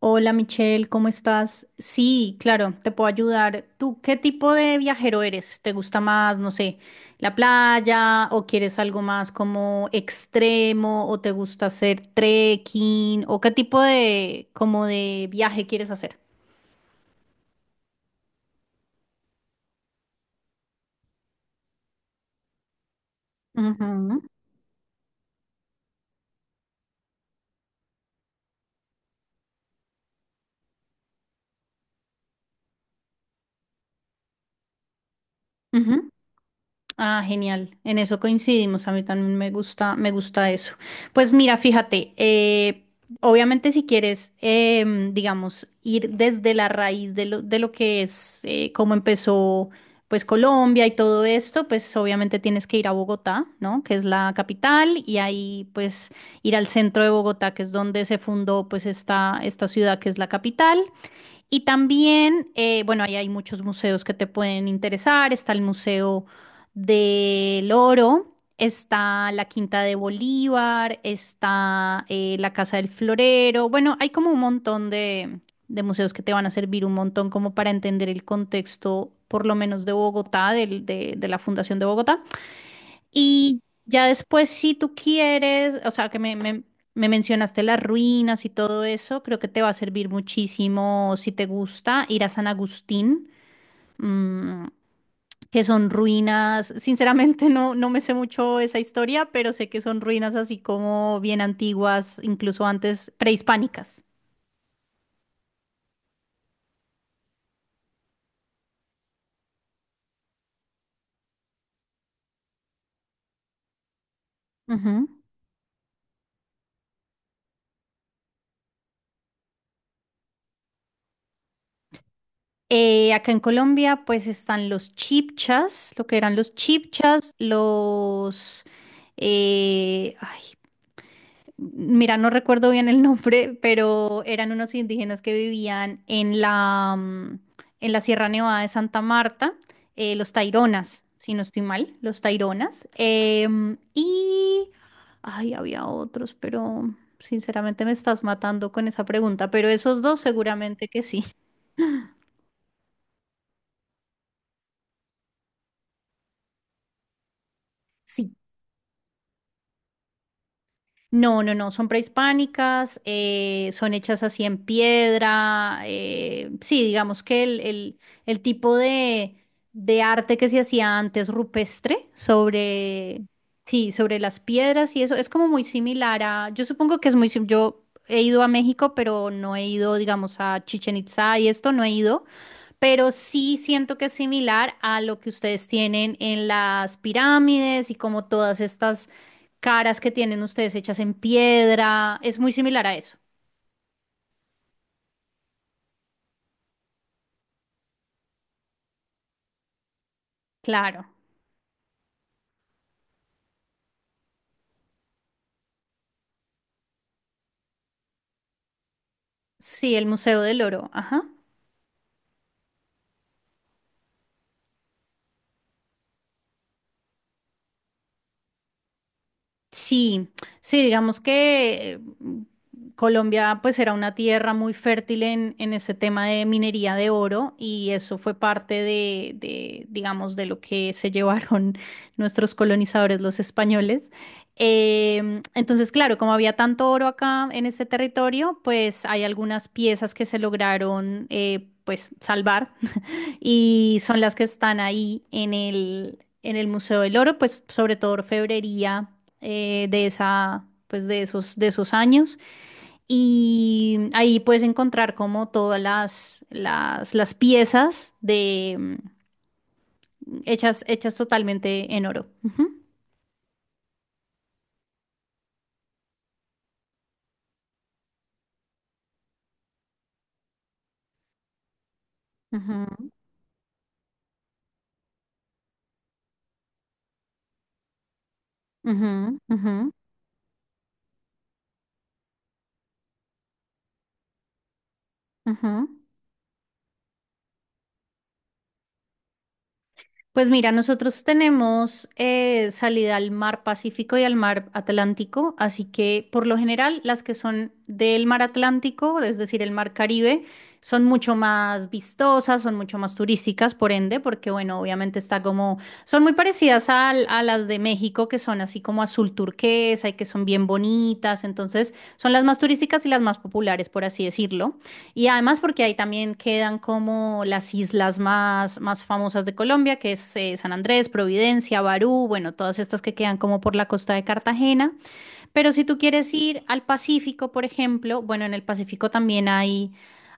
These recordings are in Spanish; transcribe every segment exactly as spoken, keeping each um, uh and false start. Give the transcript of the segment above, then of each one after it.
Hola Michelle, ¿cómo estás? Sí, claro, te puedo ayudar. ¿Tú qué tipo de viajero eres? ¿Te gusta más, no sé, la playa o quieres algo más como extremo o te gusta hacer trekking o qué tipo de como de viaje quieres hacer? Ujú. Ujú. Ah, genial. En eso coincidimos. A mí también me gusta, me gusta eso. Pues mira, fíjate, eh, obviamente si quieres, em, digamos, ir desde la raíz de lo, de lo que es, eh, cómo empezó, pues Colombia y todo esto, pues obviamente tienes que ir a Bogotá, ¿no? Que es la capital y ahí, pues, ir al centro de Bogotá, que es donde se fundó, pues, esta, esta ciudad que es la capital. Y también, eh, bueno, ahí hay muchos museos que te pueden interesar. Está el Museo del Oro, está la Quinta de Bolívar, está eh, la Casa del Florero. Bueno, hay como un montón de, de museos que te van a servir un montón como para entender el contexto, por lo menos de Bogotá, del- de de la Fundación de Bogotá. Y ya después, si tú quieres, o sea, que me, me- me mencionaste las ruinas y todo eso, creo que te va a servir muchísimo, si te gusta, ir a San Agustín, mm, que son ruinas, sinceramente no, no me sé mucho esa historia, pero sé que son ruinas así como bien antiguas, incluso antes prehispánicas. Ujú. Eh, acá en Colombia, pues están los chipchas, lo que eran los chipchas, los... eh, ay, mira, no recuerdo bien el nombre, pero eran unos indígenas que vivían en la, mm, en la Sierra Nevada de Santa Marta, eh, los Taironas, si no estoy mal, los Taironas. Em, y, ay, había otros, pero sinceramente me estás matando con esa pregunta, pero esos dos seguramente que sí. Sí, no, no, no, son prehispánicas, eh, son hechas así en piedra. eh, sí, digamos que el, el- el tipo de, de arte que se hacía antes rupestre sobre, sí, sobre las piedras y eso es como muy similar a, yo supongo que es muy, sim- yo he ido a México, pero no he ido, digamos, a Chichen Itzá y esto no he ido, pero sí siento que es similar a lo que ustedes tienen en las pirámides y como todas estas caras que tienen ustedes hechas en piedra. Es muy similar a eso. Claro. Sí, el Museo del Oro. Ajá. Sí, sí, digamos que eh, Colombia pues era una tierra muy fértil en, en ese tema de minería de oro y eso fue parte de, de, digamos, de lo que se llevaron nuestros colonizadores, los españoles. Em, entonces, claro, como había tanto oro acá en este territorio, pues hay algunas piezas que se lograron eh, pues salvar y son las que están ahí en el, en el Museo del Oro, pues sobre todo orfebrería eh, de esa, pues de esos, de esos años. Y ahí puedes encontrar como todas las, las, las piezas de, mm, hechas, hechas totalmente en oro. Ujú, ujú, ujú, ujú, ujú. Pues mira, nosotros tenemos eh, salida al mar Pacífico y al mar Atlántico, así que por lo general las que son del mar Atlántico, es decir, el mar Caribe, son mucho más vistosas, son mucho más turísticas, por ende, porque bueno, obviamente está como, son muy parecidas al- a, las de México, que son así como azul turquesa y que son bien bonitas, entonces son las más turísticas y las más populares, por así decirlo. Y además porque ahí también quedan como las islas más, más famosas de Colombia, que es eh, San Andrés, Providencia, Barú, bueno, todas estas que quedan como por la costa de Cartagena. Pero si tú quieres ir al Pacífico, por ejemplo, bueno, en el Pacífico también hay,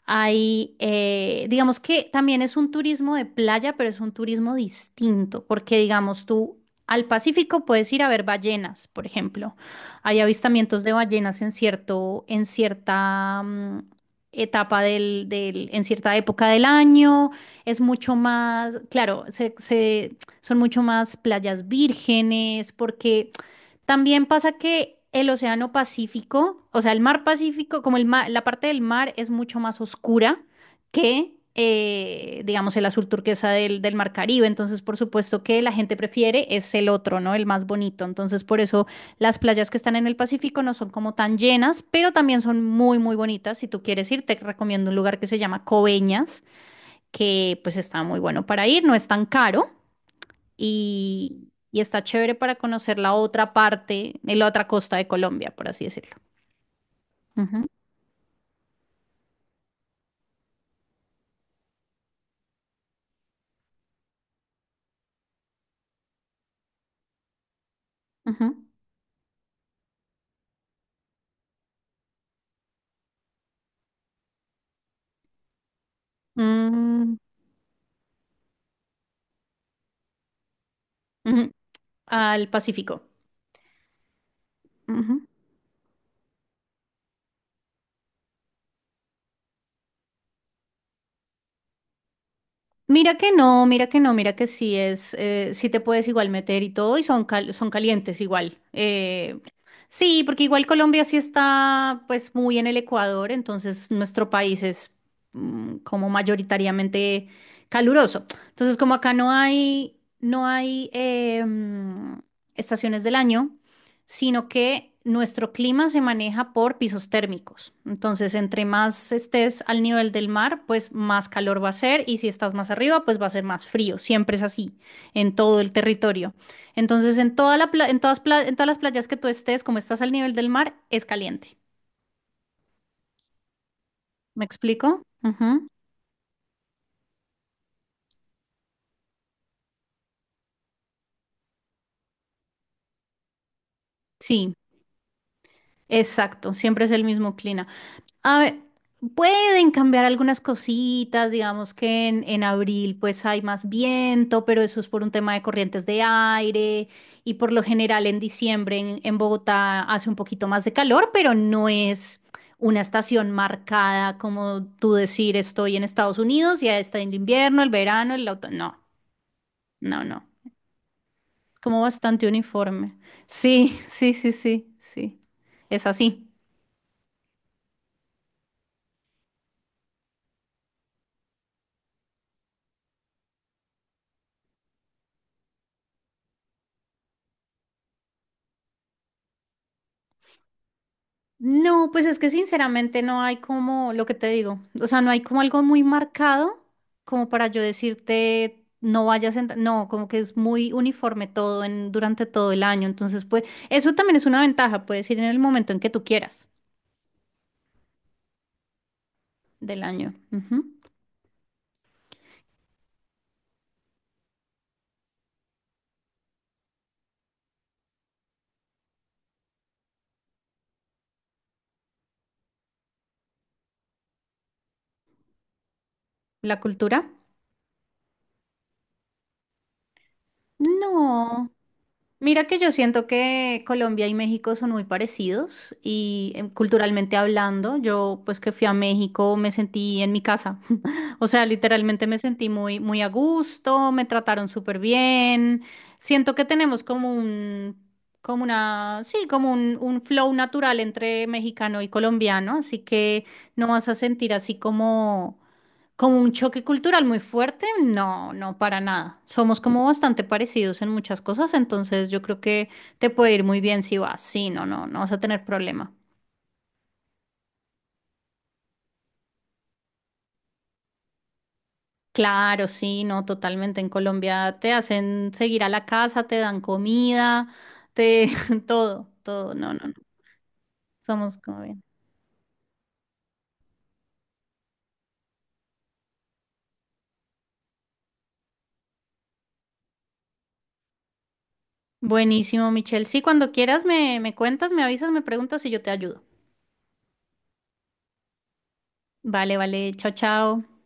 hay, eh, digamos que también es un turismo de playa, pero es un turismo distinto, porque digamos tú al Pacífico puedes ir a ver ballenas, por ejemplo. Hay avistamientos de ballenas en cierto, en cierta mm, etapa del, del, en cierta época del año. Es mucho más, claro, se, se- son mucho más playas vírgenes, porque también pasa que el Océano Pacífico, o sea, el mar Pacífico, como el ma- la parte del mar es mucho más oscura que, eh, digamos, el azul turquesa del, del mar Caribe. Entonces, por supuesto que la gente prefiere es el otro, ¿no? El más bonito. Entonces, por eso las playas que están en el Pacífico no son como tan llenas, pero también son muy, muy bonitas. Si tú quieres ir, te recomiendo un lugar que se llama Coveñas, que pues está muy bueno para ir, no es tan caro y, y está chévere para conocer la otra parte, y la otra costa de Colombia, por así decirlo. Ujú, ujú. Mm, ujú. Al Pacífico. Ujú. Mira que no, mira que no, mira que sí es, eh, sí te puedes igual meter y todo y son, cal- son calientes igual. Eh, sí, porque igual Colombia sí está pues muy en el Ecuador, entonces nuestro país es mm, como mayoritariamente caluroso. Entonces como acá no hay, no hay eh, mm, estaciones del año, sino que nuestro clima se maneja por pisos térmicos. Entonces, entre más estés al nivel del mar, pues más calor va a ser y si estás más arriba, pues va a ser más frío. Siempre es así en todo el territorio. Entonces, en toda la pla- en todas, pla- en todas las playas que tú estés, como estás al nivel del mar, es caliente. ¿Me explico? Ujú. Sí, exacto. Siempre es el mismo clima. A ver, pueden cambiar algunas cositas, digamos que en, en abril pues hay más viento, pero eso es por un tema de corrientes de aire y por lo general en diciembre en, en Bogotá hace un poquito más de calor, pero no es una estación marcada como tú decir estoy en Estados Unidos, ya está en el invierno, el verano, el otoño. No, no, no, como bastante uniforme. Sí, sí, sí, sí, sí, es así. No, pues es que sinceramente no hay como lo que te digo, o sea, no hay como algo muy marcado como para yo decirte no vayas en, no, como que es muy uniforme todo en durante todo el año, entonces pues eso también es una ventaja, puedes ir en el momento en que tú quieras del año. Ujú. La cultura. No. Mira que yo siento que Colombia y México son muy parecidos y em, culturalmente hablando, yo pues que fui a México me sentí en mi casa. O sea, literalmente me sentí muy, muy a gusto, me trataron súper bien. Siento que tenemos como un, como una, sí, como un, un flow natural entre mexicano y colombiano, así que no vas a sentir así como como un choque cultural muy fuerte, no, no, para nada. Somos como bastante parecidos en muchas cosas, entonces yo creo que te puede ir muy bien si vas. Sí, no, no, no vas a tener problema. Claro, sí, no, totalmente. En Colombia te hacen seguir a la casa, te dan comida, te todo, todo. No, no, no. Somos como bien. Buenísimo, Michelle. Sí, cuando quieras me, me cuentas, me avisas, me preguntas y yo te ayudo. Vale, vale. Chao, chao.